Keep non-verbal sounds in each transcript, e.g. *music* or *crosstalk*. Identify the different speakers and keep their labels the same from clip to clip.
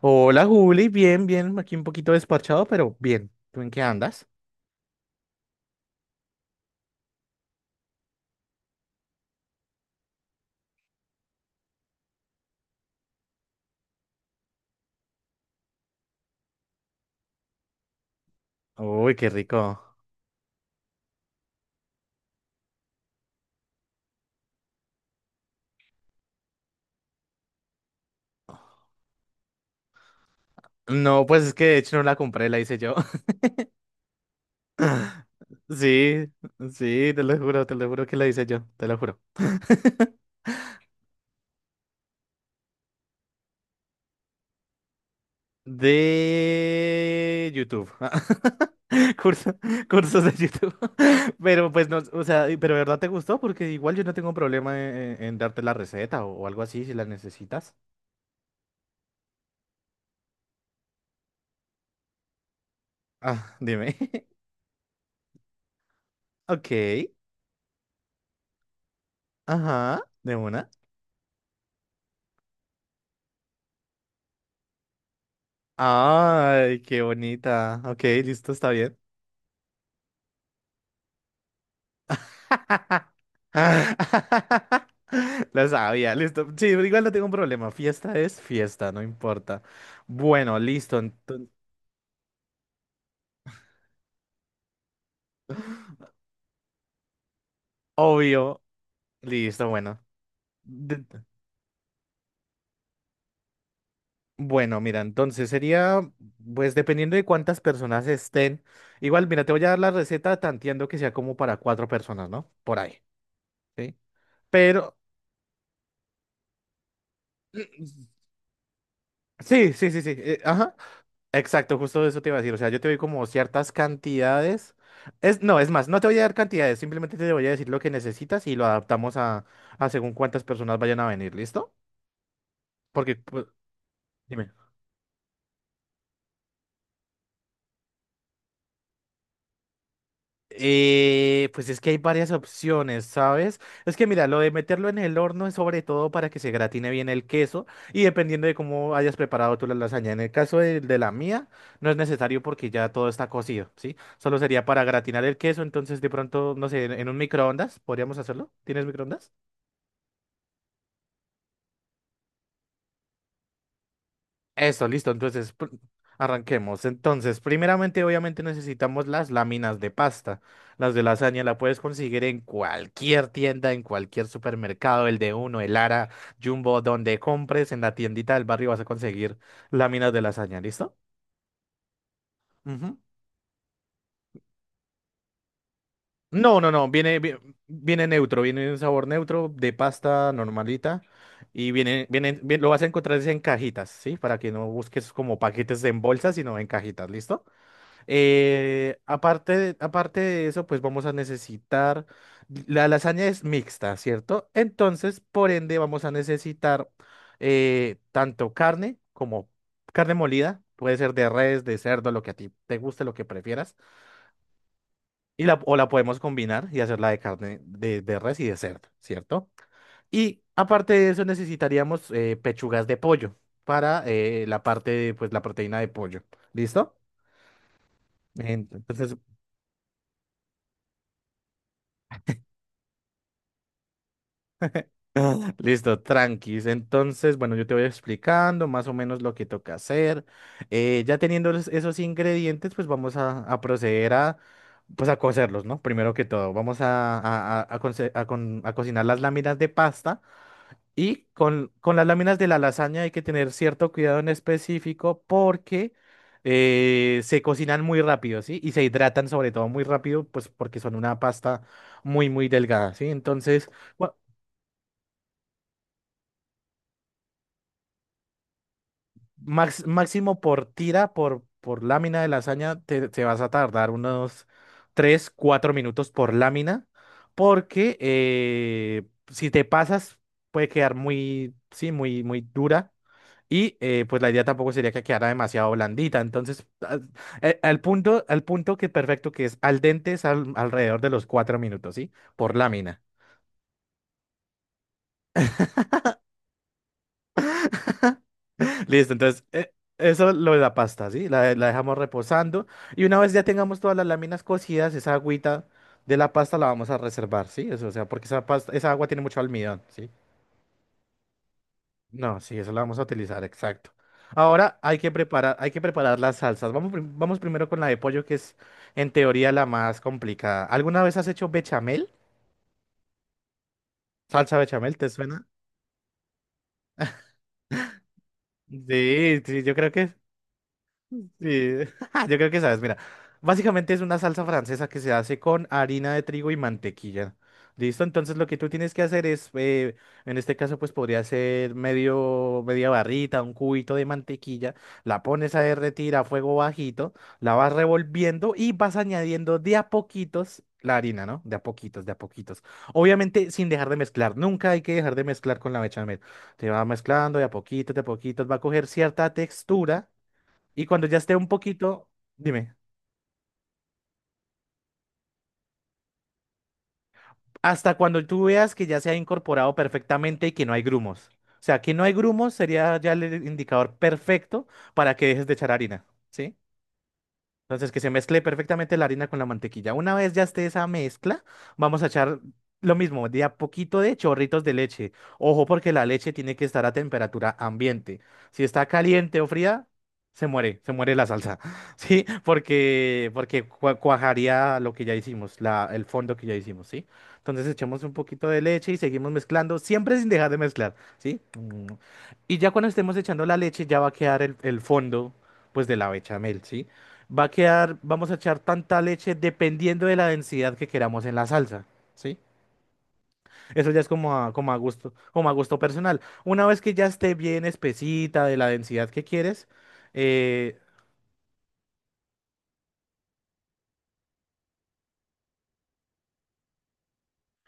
Speaker 1: Hola Juli, bien, bien, aquí un poquito despachado, pero bien. ¿Tú en qué andas? Uy, qué rico. No, pues es que de hecho no la compré, la hice yo. *laughs* Sí, sí, te lo juro que la hice yo, te lo juro. *laughs* De YouTube. *laughs* Curso- cursos de YouTube. *laughs* Pero pues no, o sea, pero de verdad te gustó porque igual yo no tengo problema en darte la receta o algo así si la necesitas. Ah, dime. *laughs* Ok. Ajá, de una. Ay, qué bonita. Ok, listo, está bien. *laughs* Lo sabía, listo. Sí, igual no tengo un problema. Fiesta es fiesta, no importa. Bueno, listo. Obvio. Listo, bueno. De- Bueno, mira, entonces sería, pues dependiendo de cuántas personas estén. Igual, mira, te voy a dar la receta tanteando que sea como para cuatro personas, ¿no? Por ahí. ¿Sí? Pero. *clears throat* Sí, sí, sí, sí. Ajá. Exacto, justo eso te iba a decir. O sea, yo te doy como ciertas cantidades. Es, no, es más, no te voy a dar cantidades, simplemente te voy a decir lo que necesitas y lo adaptamos a según cuántas personas vayan a venir, ¿listo? Porque, pues. Dime. Pues es que hay varias opciones, ¿sabes? Es que mira, lo de meterlo en el horno es sobre todo para que se gratine bien el queso y dependiendo de cómo hayas preparado tú la lasaña. En el caso de la mía, no es necesario porque ya todo está cocido, ¿sí? Solo sería para gratinar el queso, entonces de pronto, no sé, en un microondas, ¿podríamos hacerlo? ¿Tienes microondas? Eso, listo. Entonces, arranquemos. Entonces, primeramente, obviamente necesitamos las láminas de pasta. Las de lasaña la puedes conseguir en cualquier tienda, en cualquier supermercado, el de Uno, el Lara, Jumbo, donde compres, en la tiendita del barrio vas a conseguir láminas de lasaña, ¿listo? Ujú. No, no, no, viene neutro, viene un sabor neutro de pasta normalita y viene, lo vas a encontrar es en cajitas, ¿sí? Para que no busques como paquetes en bolsas, sino en cajitas, ¿listo? Aparte de eso, pues vamos a necesitar, la lasaña es mixta, ¿cierto? Entonces, por ende, vamos a necesitar tanto carne como carne molida, puede ser de res, de cerdo, lo que a ti te guste, lo que prefieras, y o la podemos combinar y hacerla de carne de res y de cerdo, ¿cierto? Y aparte de eso, necesitaríamos pechugas de pollo para la parte, pues la proteína de pollo, ¿listo? Entonces. Listo, tranquis. Entonces, bueno, yo te voy explicando más o menos lo que toca hacer. Ya teniendo esos ingredientes, pues vamos a proceder pues a cocerlos, ¿no? Primero que todo, vamos a conce- a con- a cocinar las láminas de pasta y con las láminas de la lasaña hay que tener cierto cuidado en específico porque se cocinan muy rápido, ¿sí? Y se hidratan sobre todo muy rápido, pues porque son una pasta muy, muy delgada, ¿sí? Entonces. Máximo por tira, por lámina de lasaña, te vas a tardar unos 3 4 minutos por lámina, porque si te pasas puede quedar muy, sí, muy, muy dura. Y pues la idea tampoco sería que quedara demasiado blandita. Entonces, al punto que perfecto que es al dente es alrededor de los 4 minutos, ¿sí? Por lámina. Listo, entonces, eso lo de la pasta, ¿sí? La dejamos reposando. Y una vez ya tengamos todas las láminas cocidas, esa agüita de la pasta la vamos a reservar, ¿sí? Eso, o sea, porque esa pasta, esa agua tiene mucho almidón, ¿sí? No, sí, eso la vamos a utilizar, exacto. Ahora hay que preparar las salsas. Vamos primero con la de pollo, que es en teoría la más complicada. ¿Alguna vez has hecho bechamel? ¿Salsa bechamel? ¿Te suena? Sí, sí, yo creo que. Sí, *laughs* yo creo que sabes, mira, básicamente es una salsa francesa que se hace con harina de trigo y mantequilla. ¿Listo? Entonces lo que tú tienes que hacer es, en este caso pues podría ser media barrita, un cubito de mantequilla, la pones a derretir a fuego bajito, la vas revolviendo y vas añadiendo de a poquitos la harina, ¿no? De a poquitos, de a poquitos. Obviamente sin dejar de mezclar, nunca hay que dejar de mezclar con la bechamel. Te va mezclando de a poquitos, va a coger cierta textura y cuando ya esté un poquito. Dime, hasta cuando tú veas que ya se ha incorporado perfectamente y que no hay grumos. O sea, que no hay grumos sería ya el indicador perfecto para que dejes de echar harina, ¿sí? Entonces, que se mezcle perfectamente la harina con la mantequilla. Una vez ya esté esa mezcla, vamos a echar lo mismo, de a poquito de chorritos de leche. Ojo, porque la leche tiene que estar a temperatura ambiente. Si está caliente o fría, se muere la salsa. *laughs* ¿Sí? Porque cuajaría lo que ya hicimos, el fondo que ya hicimos, ¿sí? Entonces, echamos un poquito de leche y seguimos mezclando, siempre sin dejar de mezclar, ¿sí? Mm. Y ya cuando estemos echando la leche, ya va a quedar el fondo, pues, de la bechamel, ¿sí? Va a quedar, vamos a echar tanta leche dependiendo de la densidad que queramos en la salsa, ¿sí? Eso ya es como a gusto personal. Una vez que ya esté bien espesita de la densidad que quieres, eh,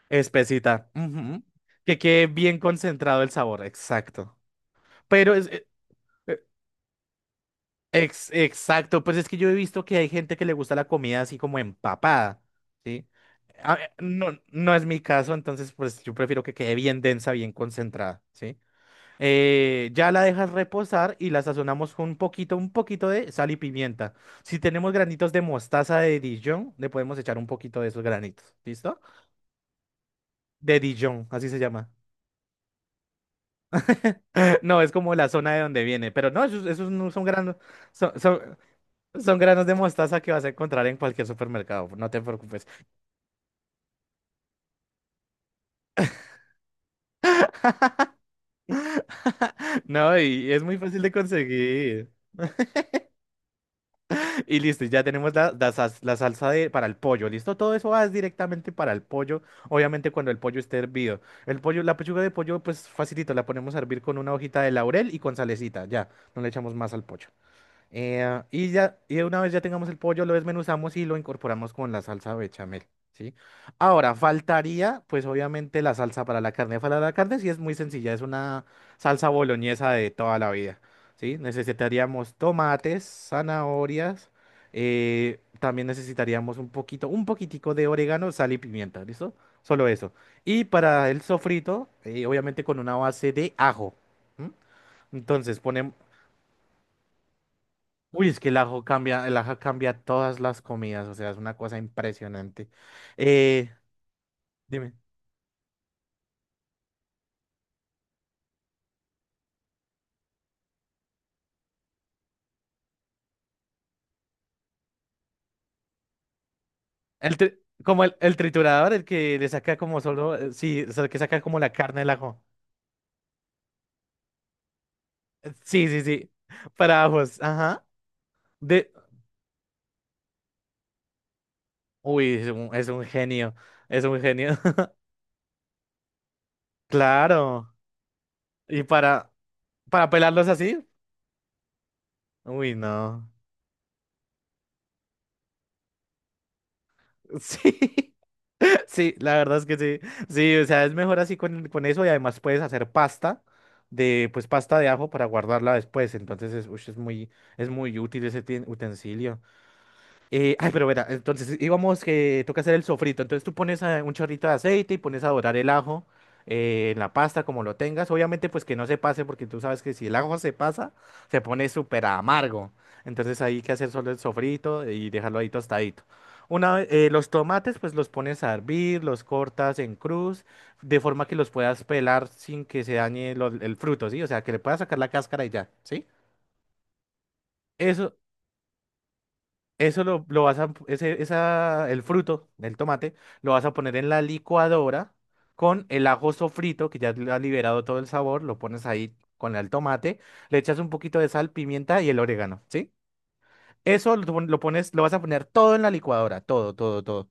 Speaker 1: espesita, ujú, que quede bien concentrado el sabor, exacto. Pero es, eh, eh, exacto, pues es que yo he visto que hay gente que le gusta la comida así como empapada, ¿sí? No, no es mi caso, entonces pues yo prefiero que quede bien densa, bien concentrada, ¿sí? Ya la dejas reposar y la sazonamos con un poquito de sal y pimienta. Si tenemos granitos de mostaza de Dijon, le podemos echar un poquito de esos granitos. ¿Listo? De Dijon, así se llama. *laughs* No, es como la zona de donde viene, pero no, esos no son granos, son, son, son granos de mostaza que vas a encontrar en cualquier supermercado, no te preocupes. *laughs* No, y es muy fácil de conseguir. Y listo, ya tenemos la salsa para el pollo. ¿Listo? Todo eso va directamente para el pollo. Obviamente cuando el pollo esté hervido. El pollo, la pechuga de pollo, pues facilito, la ponemos a hervir con una hojita de laurel y con salecita. Ya, no le echamos más al pollo. Y ya, y una vez ya tengamos el pollo, lo desmenuzamos y lo incorporamos con la salsa bechamel, ¿sí? Ahora, faltaría, pues obviamente, la salsa para la carne. Para la carne sí es muy sencilla, es una salsa boloñesa de toda la vida, ¿sí? Necesitaríamos tomates, zanahorias, también necesitaríamos un poquitico de orégano, sal y pimienta, ¿listo? Solo eso. Y para el sofrito, obviamente con una base de ajo. ¿M? Entonces. Uy, es que el ajo cambia todas las comidas, o sea, es una cosa impresionante. Eh, Dime, el tri- como el triturador, el que le saca como solo, sí, o sea, el que saca como la carne del ajo. Sí, sí, sí, para ajos, ajá. De, Uy, es un, genio, es un genio, *laughs* claro. Y para pelarlos así, uy, no, *laughs* sí. *laughs* Sí, la verdad es que sí. Sí, o sea, es mejor así con eso y además puedes hacer pasta de ajo para guardarla después. Entonces es muy útil ese utensilio. Ay, pero verá, entonces íbamos que toca hacer el sofrito. Entonces tú pones un chorrito de aceite y pones a dorar el ajo en la pasta como lo tengas. Obviamente pues que no se pase porque tú sabes que si el ajo se pasa se pone súper amargo. Entonces hay que hacer solo el sofrito y dejarlo ahí tostadito. Una vez, los tomates pues los pones a hervir, los cortas en cruz de forma que los puedas pelar sin que se dañe el fruto, ¿sí? O sea, que le puedas sacar la cáscara y ya, ¿sí? Eso, eso lo vas a, ese, esa, el fruto del tomate, lo vas a poner en la licuadora con el ajo sofrito, que ya le ha liberado todo el sabor, lo pones ahí con el tomate, le echas un poquito de sal, pimienta y el orégano, ¿sí? Eso lo, pon- lo pones, lo vas a poner todo en la licuadora, todo, todo, todo.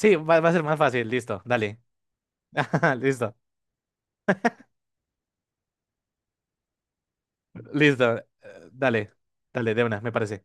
Speaker 1: Sí, va a ser más fácil, listo, dale. *laughs* Listo, listo, dale, dale, de una, me parece.